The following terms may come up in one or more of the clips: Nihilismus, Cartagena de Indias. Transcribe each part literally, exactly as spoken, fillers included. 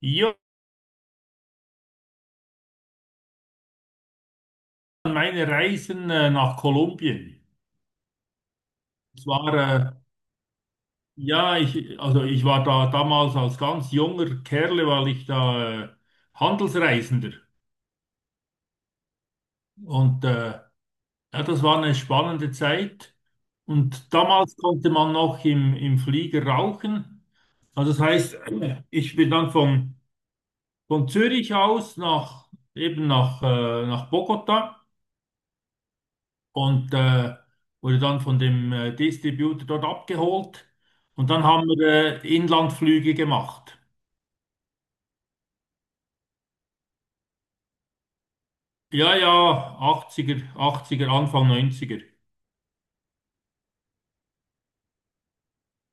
Ja, meine Reisen äh, nach Kolumbien. Es war, äh, ja, ich, also ich war da damals als ganz junger Kerle, weil ich da äh, Handelsreisender. Und äh, ja, das war eine spannende Zeit. Und damals konnte man noch im, im Flieger rauchen. Also das heißt, ich bin dann von, von Zürich aus nach, eben nach, äh, nach Bogota, und äh, wurde dann von dem äh, Distributor dort abgeholt. Und dann haben wir äh, Inlandflüge gemacht. Ja, ja, achtziger, achtziger, Anfang neunziger.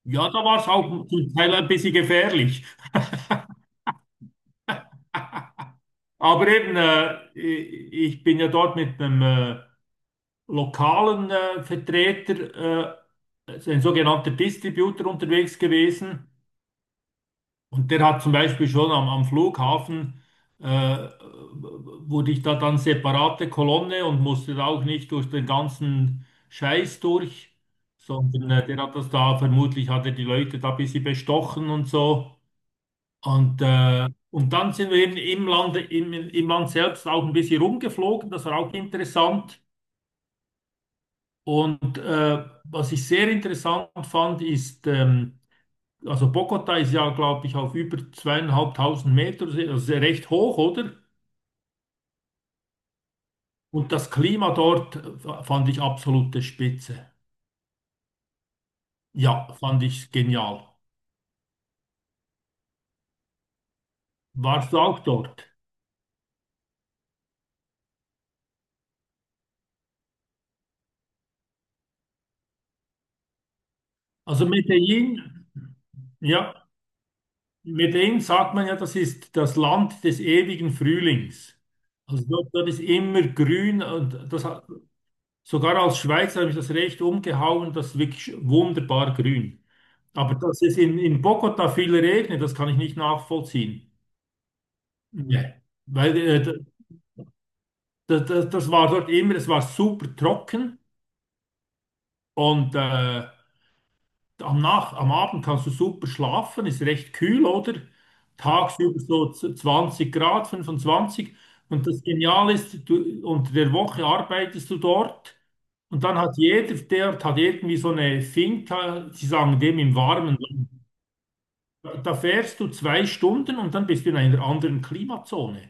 Ja, da war es auch zum Teil ein bisschen gefährlich. Aber eben, äh, ich ich bin ja dort mit einem äh, lokalen äh, Vertreter, äh, ein sogenannter Distributor, unterwegs gewesen. Und der hat zum Beispiel schon am, am Flughafen, äh, wurde ich da dann separate Kolonne und musste da auch nicht durch den ganzen Scheiß durch, sondern äh, der hat das da, vermutlich hat er die Leute da ein bisschen bestochen und so. Und, äh, und dann sind wir eben im Land, im, im Land selbst auch ein bisschen rumgeflogen, das war auch interessant. Und äh, was ich sehr interessant fand, ist, ähm, also Bogota ist ja, glaube ich, auf über zweieinhalbtausend Meter, also recht hoch, oder? Und das Klima dort äh, fand ich absolute Spitze. Ja, fand ich genial. Warst du auch dort? Also Medellin, ja, Medellin sagt man ja, das ist das Land des ewigen Frühlings. Also dort, dort ist immer grün, und das hat, sogar als Schweizer, habe ich das recht umgehauen, das ist wirklich wunderbar grün. Aber dass es in, in Bogota viel regnet, das kann ich nicht nachvollziehen. Nee. Weil äh, das, das, das war dort immer, es war super trocken und äh, am Nach am Abend kannst du super schlafen, ist recht kühl, oder? Tagsüber so z- zwanzig Grad, fünfundzwanzig. Und das Geniale ist, du, unter der Woche arbeitest du dort, und dann hat jeder, der hat irgendwie so eine Finca, sie sagen dem im warmen Land. Da fährst du zwei Stunden und dann bist du in einer anderen Klimazone.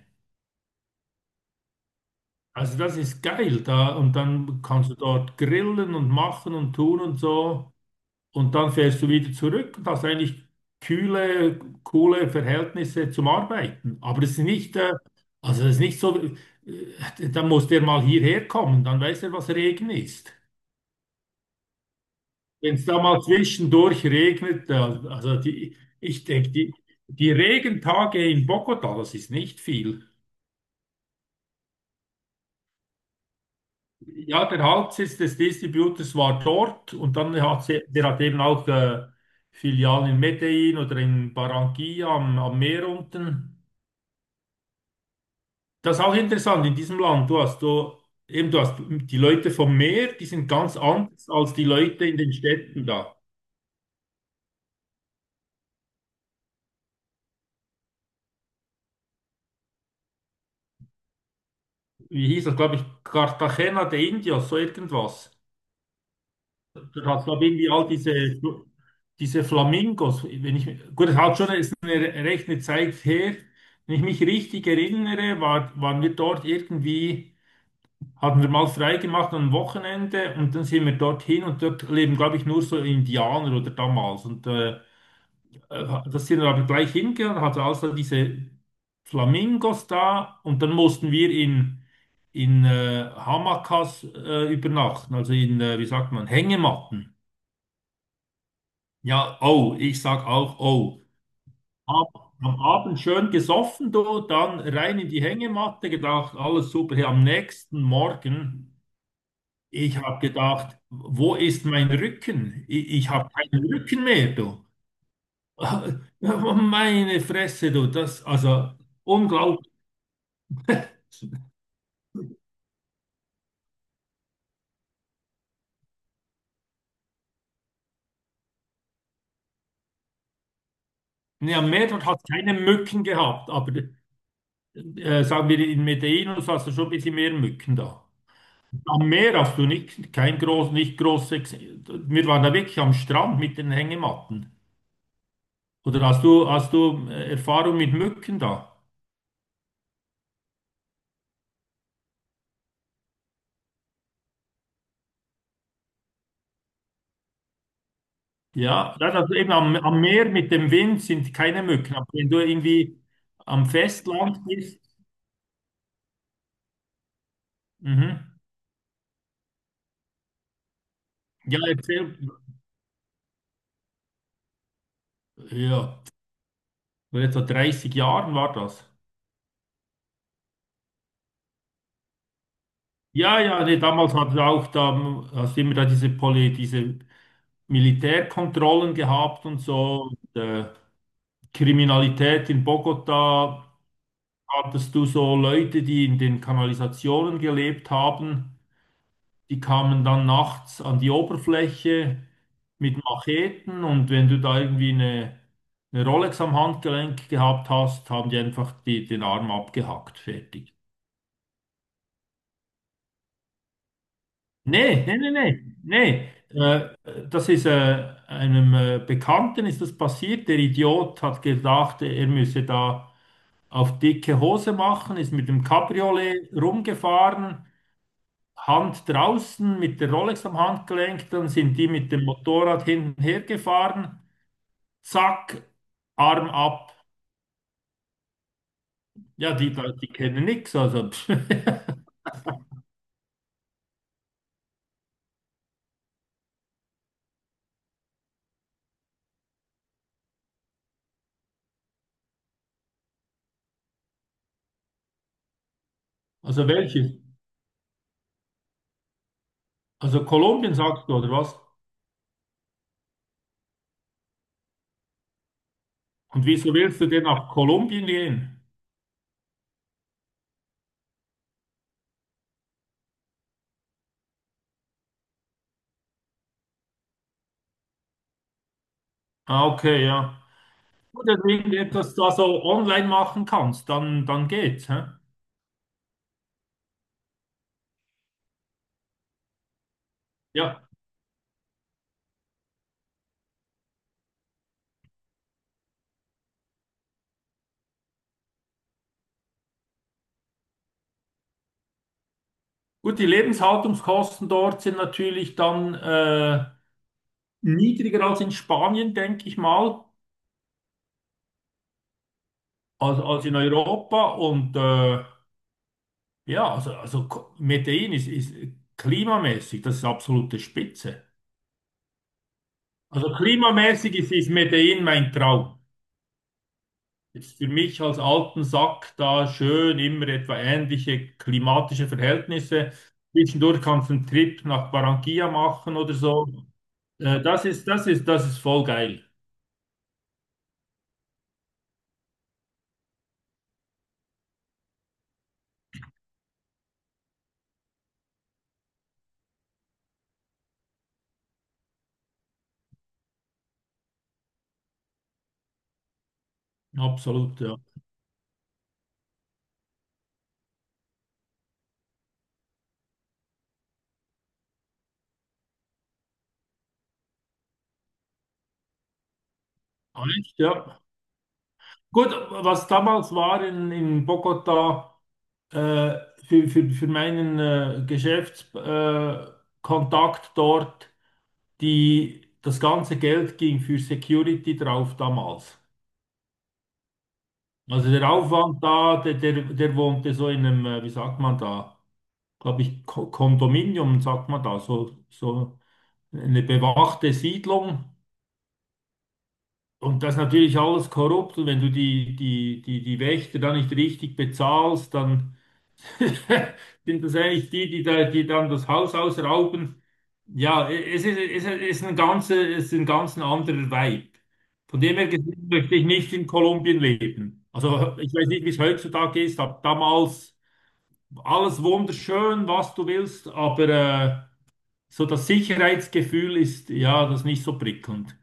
Also das ist geil da, und dann kannst du dort grillen und machen und tun und so, und dann fährst du wieder zurück und hast eigentlich kühle, coole Verhältnisse zum Arbeiten. Aber es ist nicht, äh, also es ist nicht so, äh, dann muss der mal hierher kommen, dann weiß er, was Regen ist. Wenn es da mal zwischendurch regnet, äh, also die, ich denke, die, die Regentage in Bogota, das ist nicht viel. Ja, der Hauptsitz des Distributors war dort, und dann hat sie, der hat eben auch äh, Filialen in Medellin oder in Barranquilla am, am Meer unten. Das ist auch interessant in diesem Land. Du hast du eben du hast die Leute vom Meer, die sind ganz anders als die Leute in den Städten da. Wie hieß das, glaube ich, Cartagena de Indios, so irgendwas. Du hast, glaube ich, irgendwie all diese, diese Flamingos. Wenn ich, gut, es hat schon, ist eine recht eine Zeit her. Wenn ich mich richtig erinnere, war, waren wir dort irgendwie, hatten wir mal frei gemacht am Wochenende, und dann sind wir dorthin, und dort leben, glaube ich, nur so Indianer oder damals. Und äh, äh, das sind wir aber gleich hingegangen, hatte also diese Flamingos da, und dann mussten wir in, in äh, Hamakas äh, übernachten, also in, äh, wie sagt man, Hängematten. Ja, oh, ich sag auch oh. Ab, am Abend schön gesoffen, du, dann rein in die Hängematte gedacht, alles super. Hey, am nächsten Morgen, ich habe gedacht, wo ist mein Rücken? Ich, ich habe keinen Rücken mehr, du. Meine Fresse, du, das, also unglaublich. Ja, Meerwald hat keine Mücken gehabt, aber äh, sagen wir, in Medellin hast du schon ein bisschen mehr Mücken da. Am Meer hast du nicht, kein groß, nicht große, wir waren da wirklich am Strand mit den Hängematten. Oder hast du, hast du äh, Erfahrung mit Mücken da? Ja, ja, das, also eben am, am Meer mit dem Wind sind keine Mücken. Aber wenn du irgendwie am Festland bist, mhm. Ja, erzähl, ja, vor etwa dreißig Jahren war das. Ja, ja, nee, damals hat auch da, hast du immer da diese Poly, diese Militärkontrollen gehabt und so. Und, äh, Kriminalität in Bogotá, hattest du so Leute, die in den Kanalisationen gelebt haben, die kamen dann nachts an die Oberfläche mit Macheten, und wenn du da irgendwie eine, eine Rolex am Handgelenk gehabt hast, haben die einfach die, den Arm abgehackt, fertig. Nee, nee, nee, nee, nee. Äh, das ist äh, einem äh, Bekannten ist das passiert. Der Idiot hat gedacht, er müsse da auf dicke Hose machen, ist mit dem Cabriolet rumgefahren, Hand draußen, mit der Rolex am Handgelenk, dann sind die mit dem Motorrad hinten hergefahren, zack, Arm ab. Ja, die, die kennen nichts, also, pff. Also welche? Also Kolumbien sagst du, oder was? Und wieso willst du denn nach Kolumbien gehen? Ah, okay, ja. Oder wenn du irgendetwas da so online machen kannst, dann, dann geht's, hä? Ja. Gut, die Lebenshaltungskosten dort sind natürlich dann äh, niedriger als in Spanien, denke ich mal, als, als in Europa. Und äh, ja, also, also Ko- Medellin ist, ist klimamäßig, das ist absolute Spitze. Also klimamäßig ist, ist Medellin mein Traum. Jetzt für mich als alten Sack da schön immer etwa ähnliche klimatische Verhältnisse. Zwischendurch kannst du einen Trip nach Barranquilla machen oder so. Äh, das ist, das ist, das ist voll geil. Absolut, ja. Echt? Ja. Gut, was damals war in, in Bogota, äh, für, für, für meinen äh, Geschäftskontakt äh, Kontakt dort, die, das ganze Geld ging für Security drauf damals. Also der Aufwand da, der, der, der wohnte so in einem, äh, wie sagt man da, glaube ich, Ko- Kondominium, sagt man da, so, so eine bewachte Siedlung. Und das ist natürlich alles korrupt, und wenn du die, die, die, die Wächter dann nicht richtig bezahlst, dann sind das eigentlich die, die, da, die dann das Haus ausrauben. Ja, es ist, es ist, es ist ein ganze, es ist ein ganz ein anderer Vibe. Von dem her gesehen möchte ich nicht in Kolumbien leben. Also ich weiß nicht, wie es heutzutage ist, aber damals alles wunderschön, was du willst, aber äh, so das Sicherheitsgefühl ist ja das nicht so prickelnd.